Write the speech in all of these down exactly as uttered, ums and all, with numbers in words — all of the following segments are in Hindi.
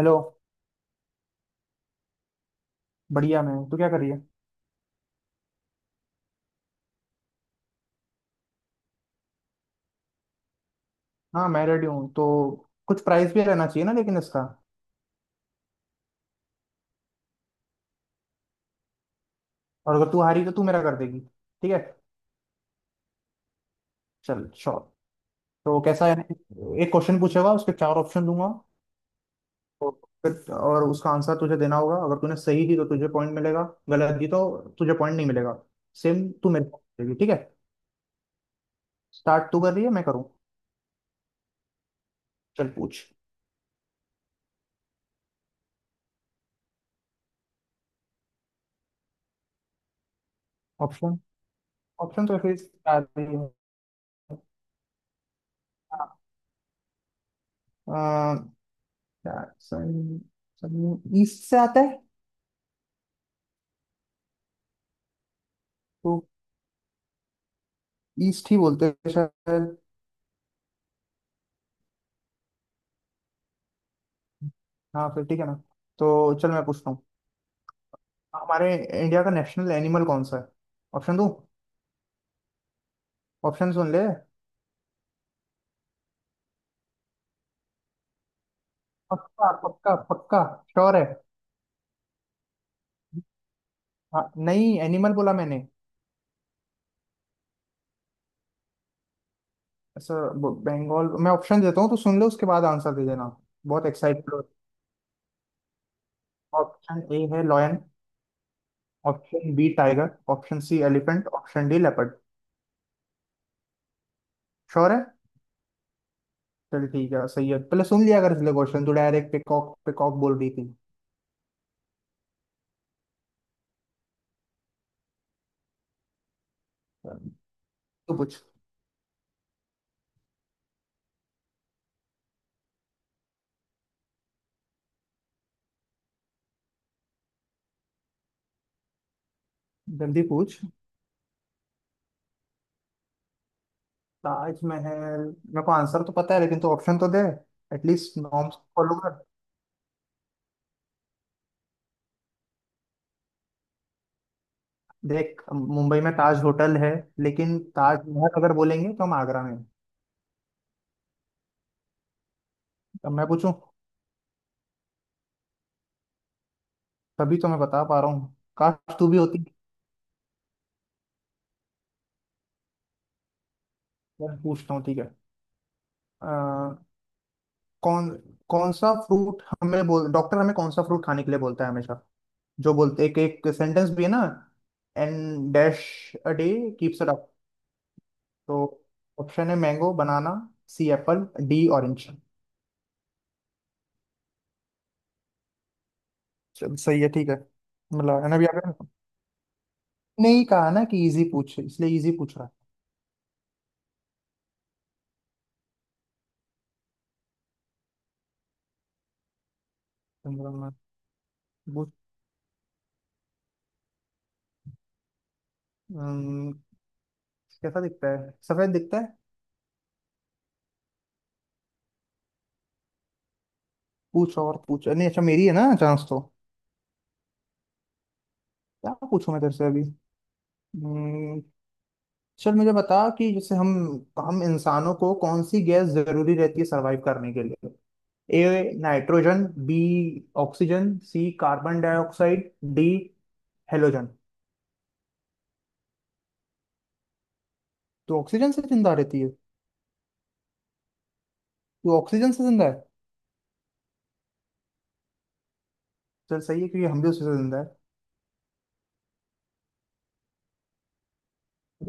हेलो। बढ़िया मैं हूँ। तू क्या कर रही है? हाँ, मैं रेडी हूँ। तो कुछ प्राइस भी रहना चाहिए ना लेकिन इसका। और अगर तू हारी तो तू मेरा कर देगी, ठीक है? चल श्योर। तो कैसा है, एक क्वेश्चन पूछेगा उसके चार ऑप्शन दूंगा। तो फिर और उसका आंसर तुझे देना होगा। अगर तूने सही दी तो तुझे पॉइंट मिलेगा। गलत दी तो तुझे पॉइंट नहीं मिलेगा। सेम तू मेरे को देगी, ठीक है? स्टार्ट तू कर रही है मैं करूँ? चल पूछ। ऑप्शन? ऑप्शन तो फिर चार ही हैं। हाँ, अ, सन- सन- ईस्ट से आता है। तो ईस्ट ही बोलते हैं शायद। हाँ फिर ठीक है ना। तो चल मैं पूछता हूँ। हमारे इंडिया का नेशनल एनिमल कौन सा है? ऑप्शन दूँ? ऑप्शन सुन ले। पक्का पक्का पक्का? श्योर है? हाँ, नहीं एनिमल बोला मैंने। ऐसा ब- बंगाल। मैं ऑप्शन देता हूँ तो सुन ले, उसके बाद आंसर दे देना। बहुत एक्साइटेड हो। ऑप्शन ए है lion. Option B tiger. Option C elephant, option D leopard. Sure है? चल ठीक है, सही है। पहले सुन लिया अगर इसलिए क्वेश्चन, तू डायरेक्ट पिकॉक पिकॉक बोल रही थी। तू पूछ। जल्दी पूछ। ताजमहल। मेरे को आंसर तो पता है लेकिन तो ऑप्शन तो दे। एटलीस्ट नॉर्म्स फॉलो कर। देख, मुंबई में ताज होटल है। लेकिन ताजमहल अगर बोलेंगे तो हम आगरा में हैं। अब मैं पूछूं। तभी तो मैं बता पा रहा हूँ, काश तू भी होती। मैं पूछता हूँ, ठीक है? अ, कौन कौन सा फ्रूट हमें बोल, डॉक्टर हमें कौन सा फ्रूट खाने के लिए बोलता है हमेशा? जो बोलते एक एक सेंटेंस भी है ना, and dash a day keeps it up. तो ऑप्शन है mango, banana, C apple, D orange. सही है ठीक है। मतलब है ना, अभी आपने नहीं कहा ना कि इजी पूछ, इसलिए इजी पूछ रहा है। मतलब, पूछ। अम्म, कैसा दिखता है? सफेद दिखता है। पूछ और पूछ। नहीं अच्छा, मेरी है ना चांस तो। क्या पूछूं मैं तेरे से अभी? अम्म, चल मुझे बता कि जैसे हम हम इंसानों को कौन सी गैस जरूरी रहती है सरवाइव करने के लिए? A nitrogen, B oxygen, C carbon dioxide, D halogen. तो ऑक्सीजन से जिंदा रहती है? तो ऑक्सीजन से जिंदा है? चल सही है क्योंकि हम भी उसी से जिंदा है।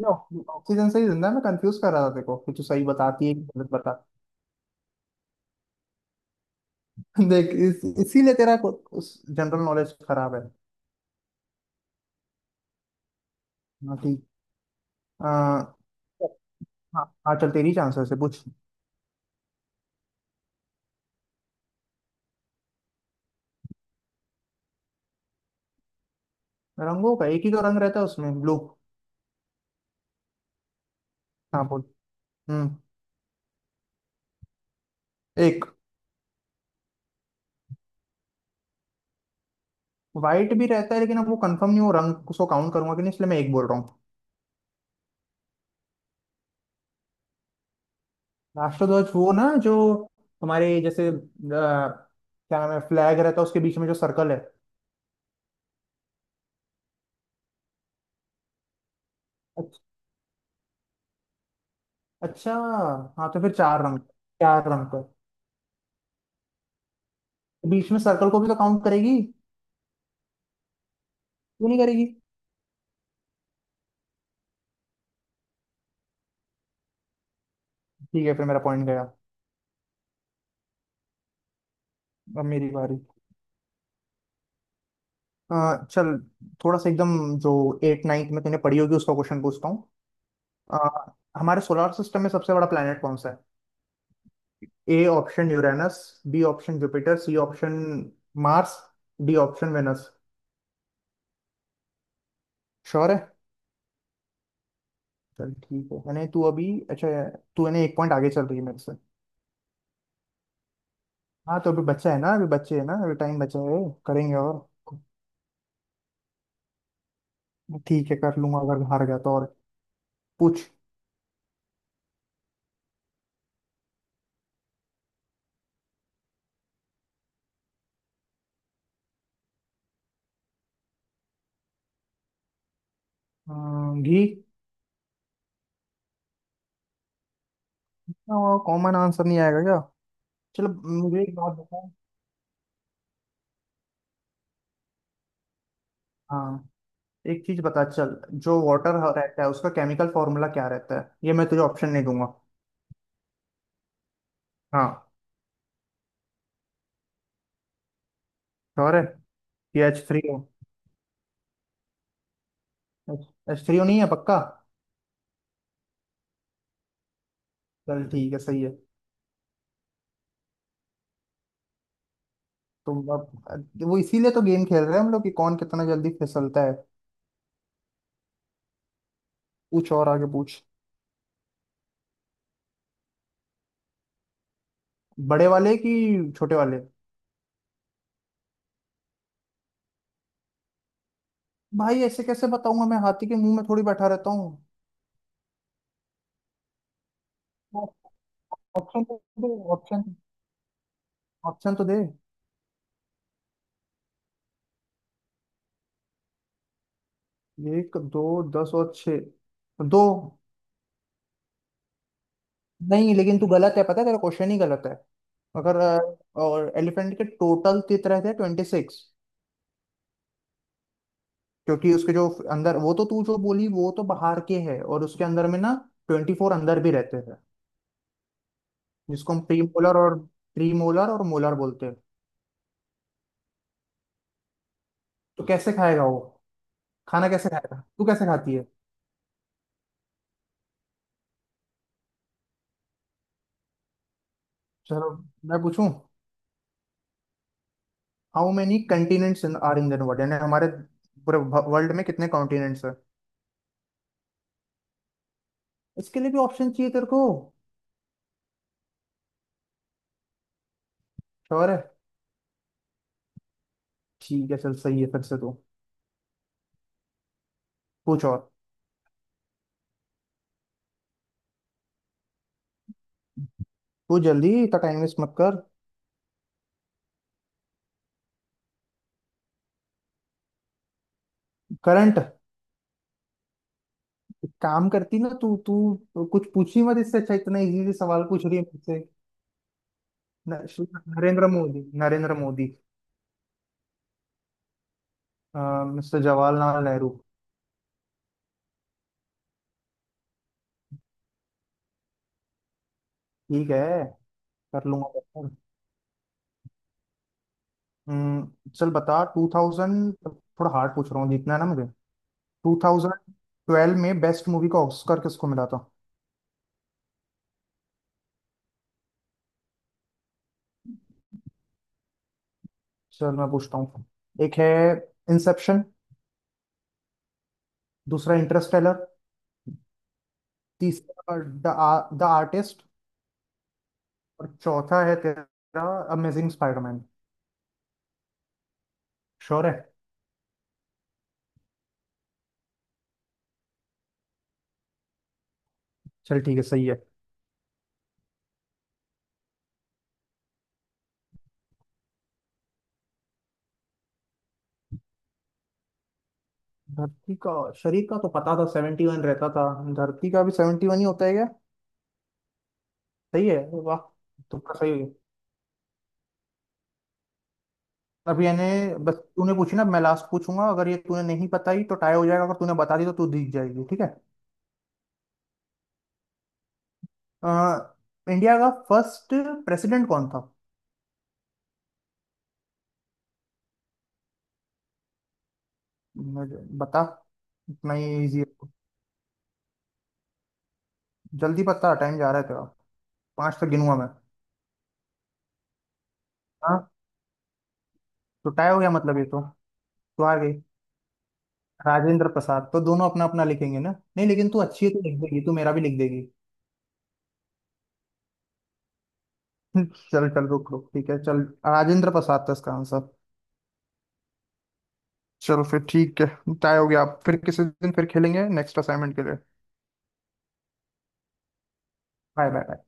नो, ऑक्सीजन से ही जिंदा है, मैं कंफ्यूज कर रहा था देखो कि तू सही बताती है कि गलत बता। देख इस, इसीलिए तेरा को- उस जनरल नॉलेज खराब है। हाँ ठीक। आ, हाँ। हाँ चल, तेरी चांसेस है पूछ। रंगों का, एक ही तो रंग रहता है उसमें, ब्लू। हाँ बोल। हम्म। एक। वाइट भी रहता है लेकिन अब वो कंफर्म नहीं वो रंग, उसको काउंट करूंगा कि नहीं, इसलिए मैं एक बोल रहा हूँ। राष्ट्रध्वज वो ना जो हमारे जैसे अ, क्या नाम है, फ्लैग रहता है उसके बीच में जो सर्कल है। अच्छा। अच्छा, हाँ तो फिर चार रंग। चार रंग। बीच में सर्कल को भी तो काउंट करेगी। क्यों नहीं करेगी? ठीक है फिर, मेरा पॉइंट गया। अब मेरी बारी। अ, चल, थोड़ा सा एकदम, जो एट नाइन्थ में तूने पढ़ी होगी उसका क्वेश्चन पूछता हूँ। अ, हमारे सोलर सिस्टम में सबसे बड़ा प्लेनेट कौन सा है? A option Uranus, B option Jupiter, C option Mars, D option Venus. Sure है? चल ठीक है, यानी तू अभी, अच्छा, तू यानी एक पॉइंट आगे चल रही है मेरे से। हाँ तो अभी बच्चा है ना, अभी बच्चे है ना, अभी टाइम बचा है। करेंगे और, ठीक है कर लूंगा अगर हार गया तो और। पूछ। अम, घी। कॉमन आंसर नहीं आएगा क्या? चलो, मुझे एक बात बता। हाँ, एक चीज बता चल। जो वाटर रहता है उसका केमिकल फॉर्मूला क्या रहता है? ये मैं तुझे ऑप्शन नहीं दूंगा। हाँ। श्योर है? ये H three O? H three O नहीं है पक्का? चल ठीक है सही है। तुम अब, वो इसीलिए तो गेम खेल रहे हैं हम लोग कि कौन कितना जल्दी फिसलता है। पूछ और आगे पूछ। बड़े वाले कि छोटे वाले? भाई ऐसे कैसे बताऊंगा, मैं हाथी के मुंह में थोड़ी बैठा रहता हूँ। ऑप्शन तो दे। ऑप्शन। ऑप्शन तो दे। एक दो दस और छः? दो। नहीं लेकिन तू गलत है पता है, तेरा क्वेश्चन ही गलत है। अगर अ, और एलिफेंट के टोटल तित रहते हैं ट्वेंटी सिक्स। क्योंकि उसके जो अंदर वो, तो तू जो बोली वो तो बाहर के है, और उसके अंदर में ना ट्वेंटी फोर अंदर भी रहते हैं। जिसको हम प्रीमोलर और प्रीमोलर और मोलर बोलते हैं। तो कैसे खाएगा वो? खाना कैसे खाएगा, तू कैसे खाती है? चलो मैं पूछूं। How many continents are in the world, यानी हमारे पूरे वर्ल्ड में कितने कॉन्टिनेंट्स हैं? इसके लिए भी ऑप्शन चाहिए तेरे को? और है? ठीक है चल सही है। फिर से तू पूछ। और तू जल्दी, इतना टाइम वेस्ट मत कर। करंट। एक काम करती ना तू, तू कुछ पूछी मत इससे अच्छा, इतना इजी सवाल पूछ रही है मुझसे। न- श्री नरेंद्र मोदी, नरेंद्र मोदी। मिस्टर जवाहरलाल नेहरू। ठीक है, कर लूंगा बेहतर। हम्म, चल बता, टू थाउजेंड थोड़ा हार्ड पूछ रहा हूँ जीतना है ना मुझे। टू थाउजेंड ट्वेल्व में बेस्ट मूवी का ऑस्कर किसको मिला था? चल मैं पूछता हूँ। एक है इंसेप्शन, दूसरा इंटरस्टेलर, तीसरा द द आर्टिस्ट, और चौथा है तेरा अमेजिंग स्पाइडरमैन। श्योर है? चल ठीक है सही है। धरती का, शरीर का तो पता था इकहत्तर रहता था। धरती का भी इकहत्तर ही होता है क्या? सही है, वाह। तुक्का सही हो गया। अब यानी, बस तूने पूछी ना, मैं लास्ट पूछूंगा, अगर ये तूने नहीं बताई तो टाई हो जाएगा, अगर तूने बता दी तो तू जीत जाएगी, ठीक है? अ, इंडिया का फर्स्ट प्रेसिडेंट कौन था? मुझे बता, इतना ही इजी है। जल्दी बता, टाइम जा रहा है तेरा, पाँच तक गिनूंगा मैं। हाँ? तो टाई हो गया मतलब ये तो। तो आ गई राजेंद्र प्रसाद। तो दोनों अपना अपना लिखेंगे ना? नहीं लेकिन तू अच्छी है तो लिख देगी, तू मेरा भी लिख देगी। चल चल, रुक रुक, ठीक है चल। राजेंद्र प्रसाद था इसका आंसर। चलो फिर ठीक है, टाई हो गया। आप फिर किसी दिन फिर खेलेंगे नेक्स्ट असाइनमेंट के लिए। Bye bye.